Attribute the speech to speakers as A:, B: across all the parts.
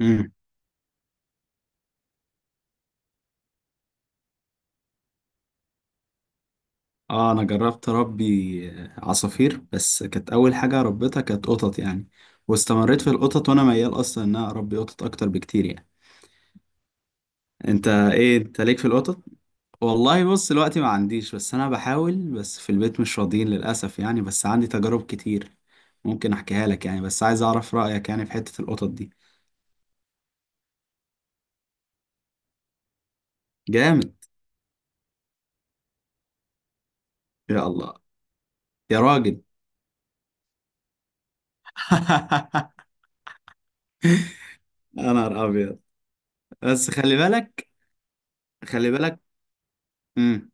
A: مم. اه، انا جربت اربي عصافير، بس كانت اول حاجه ربيتها كانت قطط يعني. واستمريت في القطط، وانا ميال اصلا ان انا اربي قطط اكتر بكتير يعني. انت ايه، انت ليك في القطط؟ والله بص، دلوقتي ما عنديش، بس انا بحاول، بس في البيت مش راضيين للاسف يعني. بس عندي تجارب كتير ممكن احكيها لك يعني، بس عايز اعرف رايك يعني في حته القطط دي. جامد! يا الله. يا راجل. يا نهار ابيض. بس خلي بالك. خلي بالك. مم.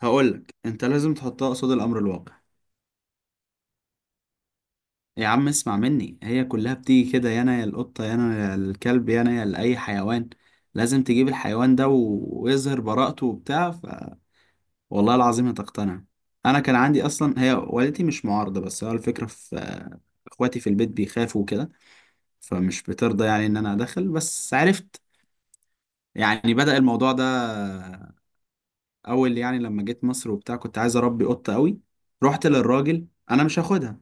A: هقولك، انت لازم تحطها قصاد الامر الواقع. يا عم اسمع مني، هي كلها بتيجي كده، يا انا يا القطه، يا انا يا الكلب، يا انا يا لاي حيوان. لازم تجيب الحيوان ده ويظهر براءته وبتاع والله العظيم هتقتنع. انا كان عندي اصلا، هي والدتي مش معارضه، بس هو الفكره في اخواتي في البيت بيخافوا كده، فمش بترضى يعني ان انا ادخل. بس عرفت يعني بدأ الموضوع ده اول يعني لما جيت مصر وبتاع كنت عايز اربي قطه قوي. رحت للراجل، انا مش هاخدها.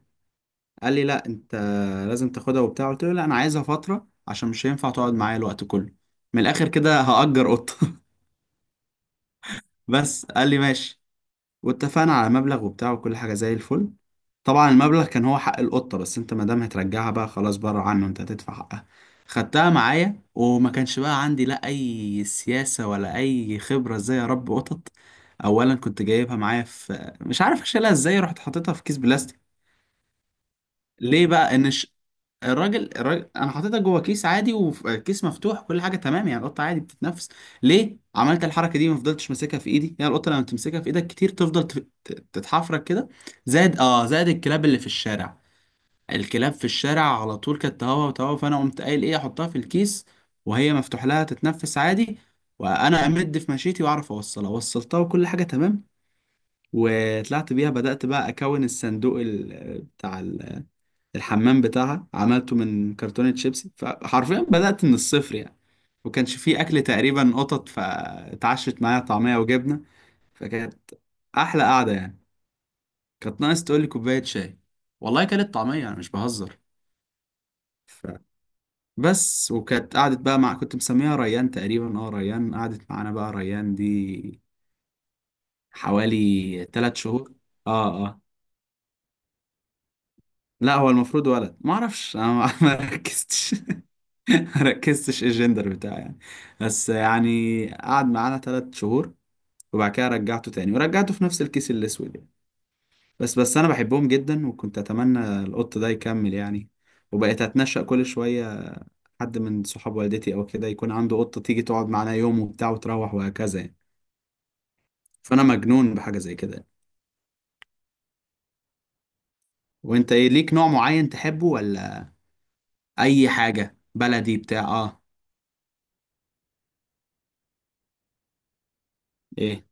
A: قال لي لا انت لازم تاخدها وبتاع. قلت له لا، انا عايزها فتره عشان مش هينفع تقعد معايا الوقت كله، من الاخر كده هأجر قطه. بس قال لي ماشي. واتفقنا على مبلغ وبتاع وكل حاجه زي الفل. طبعا المبلغ كان هو حق القطه، بس انت ما دام هترجعها بقى خلاص بره عنه، انت هتدفع حقها. خدتها معايا، وما كانش بقى عندي لا اي سياسه ولا اي خبره ازاي اربي قطط. اولا كنت جايبها معايا في، مش عارف اشيلها ازاي، رحت حاططها في كيس بلاستيك. ليه بقى الراجل انا حاططها جوه كيس عادي، وكيس مفتوح، كل حاجه تمام يعني، القطه عادي بتتنفس. ليه عملت الحركه دي؟ ما فضلتش ماسكها في ايدي يعني، القطه لما تمسكها في ايدك كتير تفضل تتحفرك كده، زائد الكلاب اللي في الشارع. الكلاب في الشارع على طول كانت تهوى وتهوى، فانا قمت قايل ايه، احطها في الكيس وهي مفتوح لها تتنفس عادي، وانا امد في مشيتي واعرف اوصلها. وصلتها وكل حاجه تمام، وطلعت بيها. بدأت بقى اكون الصندوق بتاع الحمام بتاعها، عملته من كرتونة شيبسي، فحرفيا بدأت من الصفر يعني. وكانش فيه أكل تقريبا قطط، فاتعشت معايا طعمية وجبنة. فكانت أحلى قعدة يعني، كانت ناقص تقول لي كوباية شاي. والله كانت طعمية، أنا مش بهزر. ف... بس وكانت قعدت بقى، مع كنت مسميها ريان تقريبا، اه ريان، قعدت معانا بقى ريان دي حوالي 3 شهور. اه اه. لا هو المفروض ولد، ما اعرفش انا، ما ما ركزتش. ركزتش ايه الجندر بتاعه يعني. بس يعني قعد معانا 3 شهور، وبعد كده رجعته تاني، ورجعته في نفس الكيس الاسود يعني. بس انا بحبهم جدا، وكنت اتمنى القط ده يكمل يعني. وبقيت اتنشأ كل شويه، حد من صحاب والدتي او كده يكون عنده قطه تيجي تقعد معانا يوم وبتاع وتروح، وهكذا يعني. فانا مجنون بحاجه زي كده يعني. وانت ايه ليك نوع معين تحبه ولا اي حاجه بلدي بتاع؟ اه. ايه.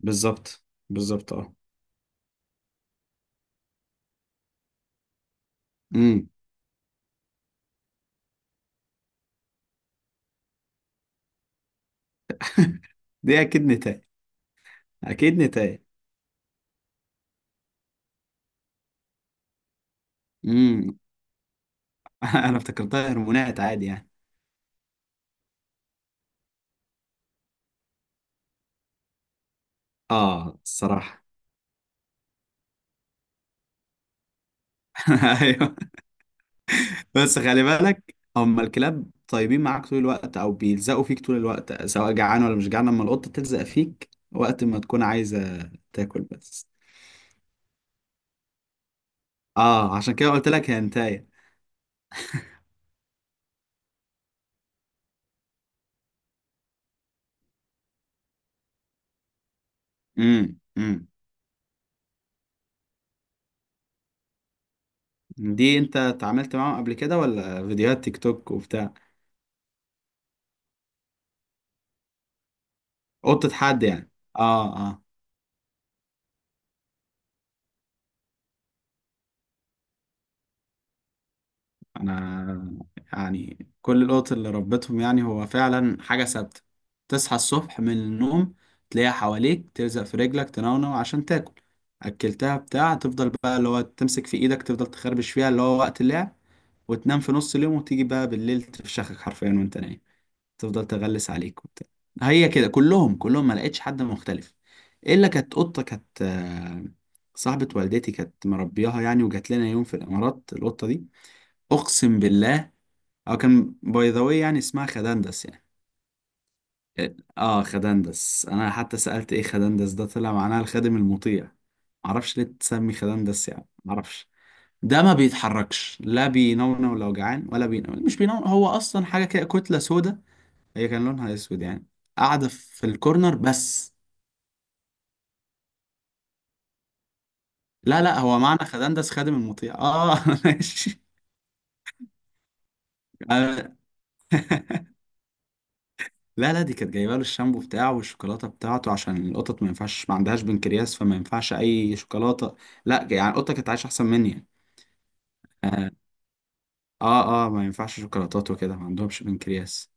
A: بالظبط. بالظبط اه. امم. دي اكيد نتاية. اكيد نتاية. انا افتكرتها هرمونات عادي يعني. اه الصراحه. ايوه. بس خلي بالك، هم الكلاب طيبين معاك طول الوقت او بيلزقوا فيك طول الوقت، سواء جعان ولا مش جعان. لما القطه تلزق فيك، وقت ما تكون عايزه تاكل بس. اه، عشان كده قلت لك هي هنتايه. امم. امم. دي انت اتعاملت معاهم قبل كده ولا فيديوهات تيك توك وبتاع؟ قطه حد يعني. اه. آه. انا يعني كل القط اللي ربيتهم يعني، هو فعلا حاجة ثابتة. تصحى الصبح من النوم، تلاقيها حواليك تلزق في رجلك تنونو عشان تاكل اكلتها بتاع تفضل بقى اللي هو تمسك في ايدك تفضل تخربش فيها، اللي هو وقت اللعب. وتنام في نص اليوم، وتيجي بقى بالليل تفشخك حرفيا وانت نايم، تفضل تغلس عليك وبتاع. هي كده كلهم، كلهم ما لقيتش حد مختلف، الا كانت قطة، كانت صاحبة والدتي كانت مربياها يعني، وجات لنا يوم في الامارات القطة دي. اقسم بالله، اه كان باي ذا واي يعني اسمها خدندس يعني. اه خدندس، انا حتى سألت ايه خدندس ده، طلع معناها الخادم المطيع. معرفش ليه تسمي خدندس يعني، معرفش. ده ما بيتحركش، لا بينونو لو جعان، ولا بينونو، مش بينونو، هو اصلا حاجه كده كتله سودا، هي كان لونها اسود يعني، قاعده في الكورنر بس. لا لا، هو معنى خدندس خادم المطيع، اه. ماشي. لا لا، دي كانت جايبه له الشامبو بتاعه والشوكولاته بتاعته، عشان القطط ما ينفعش، ما عندهاش بنكرياس، فما ينفعش اي شوكولاته. لا يعني القطه كانت عايشه احسن مني يعني. اه اه ما ينفعش شوكولاتات وكده، ما عندهمش بنكرياس،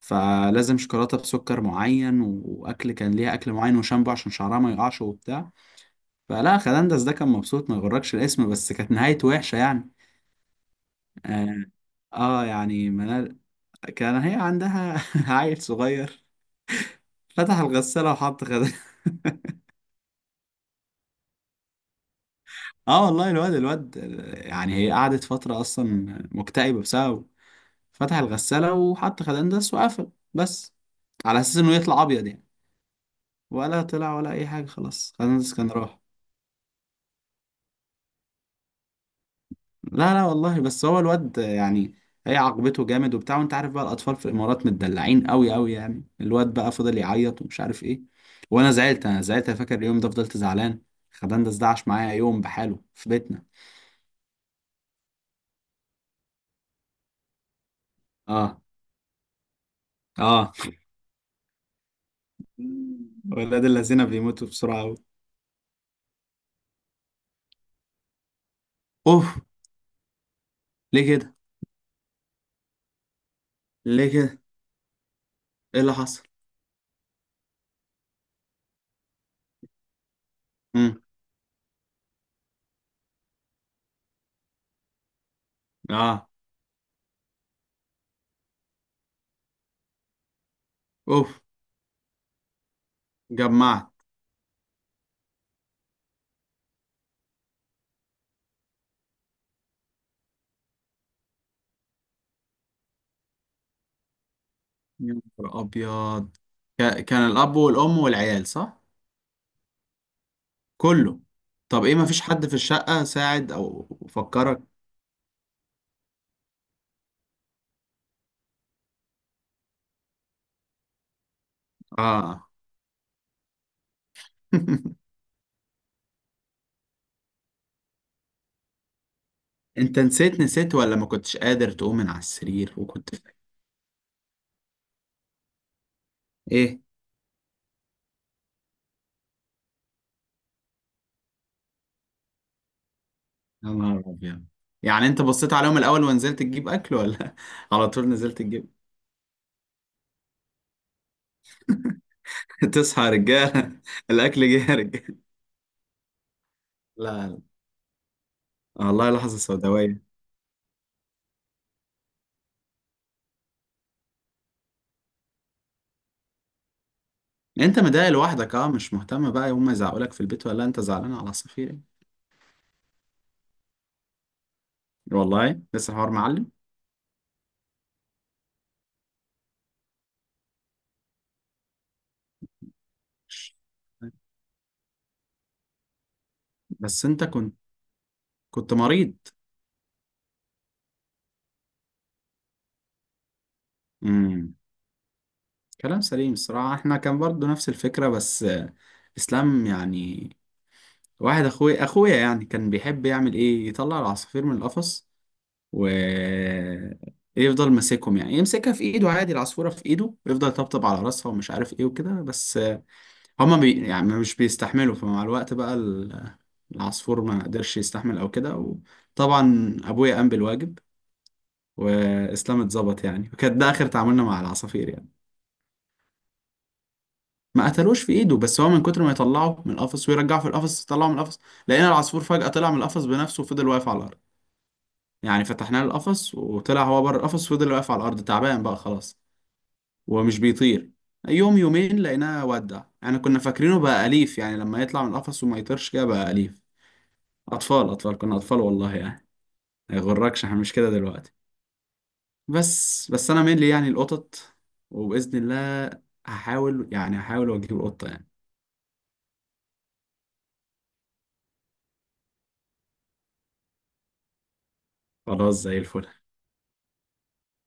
A: فلازم شوكولاته بسكر معين، واكل كان ليها اكل معين، وشامبو عشان شعرها ما يقعش وبتاع. فلا، خلاندس ده كان مبسوط، ما يغركش الاسم، بس كانت نهايته وحشه يعني. اه. يعني منال كان هي عندها عيل صغير، فتح الغساله وحط خدها. اه والله، الواد الواد يعني هي قعدت فترة أصلا مكتئبة بسببه. فتح الغسالة وحط خدندس وقفل بس، على أساس إنه يطلع أبيض يعني. ولا طلع ولا أي حاجة، خلاص خدندس كان راح. لا لا والله، بس هو الواد يعني، هي عاقبته جامد وبتاع. وأنت عارف بقى الأطفال في الإمارات متدلعين أوي أوي، يعني الواد بقى فضل يعيط ومش عارف إيه. وأنا زعلت، أنا زعلت، أنا فاكر اليوم ده فضلت زعلان. خدندس ده عاش معايا يوم بحاله في بيتنا. اه اه. ولاد الذين بيموتوا بسرعة. اوف. ليه كده؟ ليه كده؟ ايه اللي حصل؟ امم. اه. اوف. جمعت. يا نهار ابيض. كان الاب والام والعيال صح؟ كله. طب ايه، مفيش حد في الشقة ساعد او فكرك؟ اه. انت نسيت، نسيت ولا ما كنتش قادر تقوم من على السرير وكنت ايه. يا نهار ابيض. يعني انت بصيت عليهم الاول ونزلت تجيب اكل، ولا على طول نزلت تجيب؟ تصحى يا رجاله، الاكل جه يا رجاله. لا لا. والله لحظة سوداوية. انت مضايق لوحدك، اه، مش مهتم بقى هما يزعقولك في البيت ولا انت زعلان على عصافير يعني. والله لسه الحوار معلم. بس انت كنت مريض. امم. كلام سليم، الصراحة احنا كان برضو نفس الفكرة بس اسلام يعني، واحد اخويا يعني كان بيحب يعمل ايه، يطلع العصافير من القفص و يفضل ماسكهم يعني، يمسكها في ايده عادي، العصفورة في ايده ويفضل يطبطب على راسها ومش عارف ايه وكده، بس هما يعني مش بيستحملوا. فمع الوقت بقى العصفور ما قدرش يستحمل او كده. وطبعا ابويا قام بالواجب، واسلام اتظبط يعني، وكان ده اخر تعاملنا مع العصافير يعني. ما قتلوش في ايده، بس هو من كتر ما يطلعه من القفص ويرجعه في القفص يطلعه من القفص، لقينا العصفور فجأة طلع من القفص بنفسه وفضل واقف على الارض. يعني فتحنا له القفص، وطلع هو بره القفص وفضل واقف على الارض تعبان بقى خلاص، ومش بيطير. يوم يومين لقيناه ودع يعني. كنا فاكرينه بقى أليف يعني، لما يطلع من القفص وما يطيرش كده بقى أليف. اطفال اطفال كنا، اطفال والله يعني، ما يغركش احنا مش كده دلوقتي. بس انا مين لي يعني القطط، وباذن الله هحاول يعني، هحاول واجيب قطه يعني. خلاص زي الفل.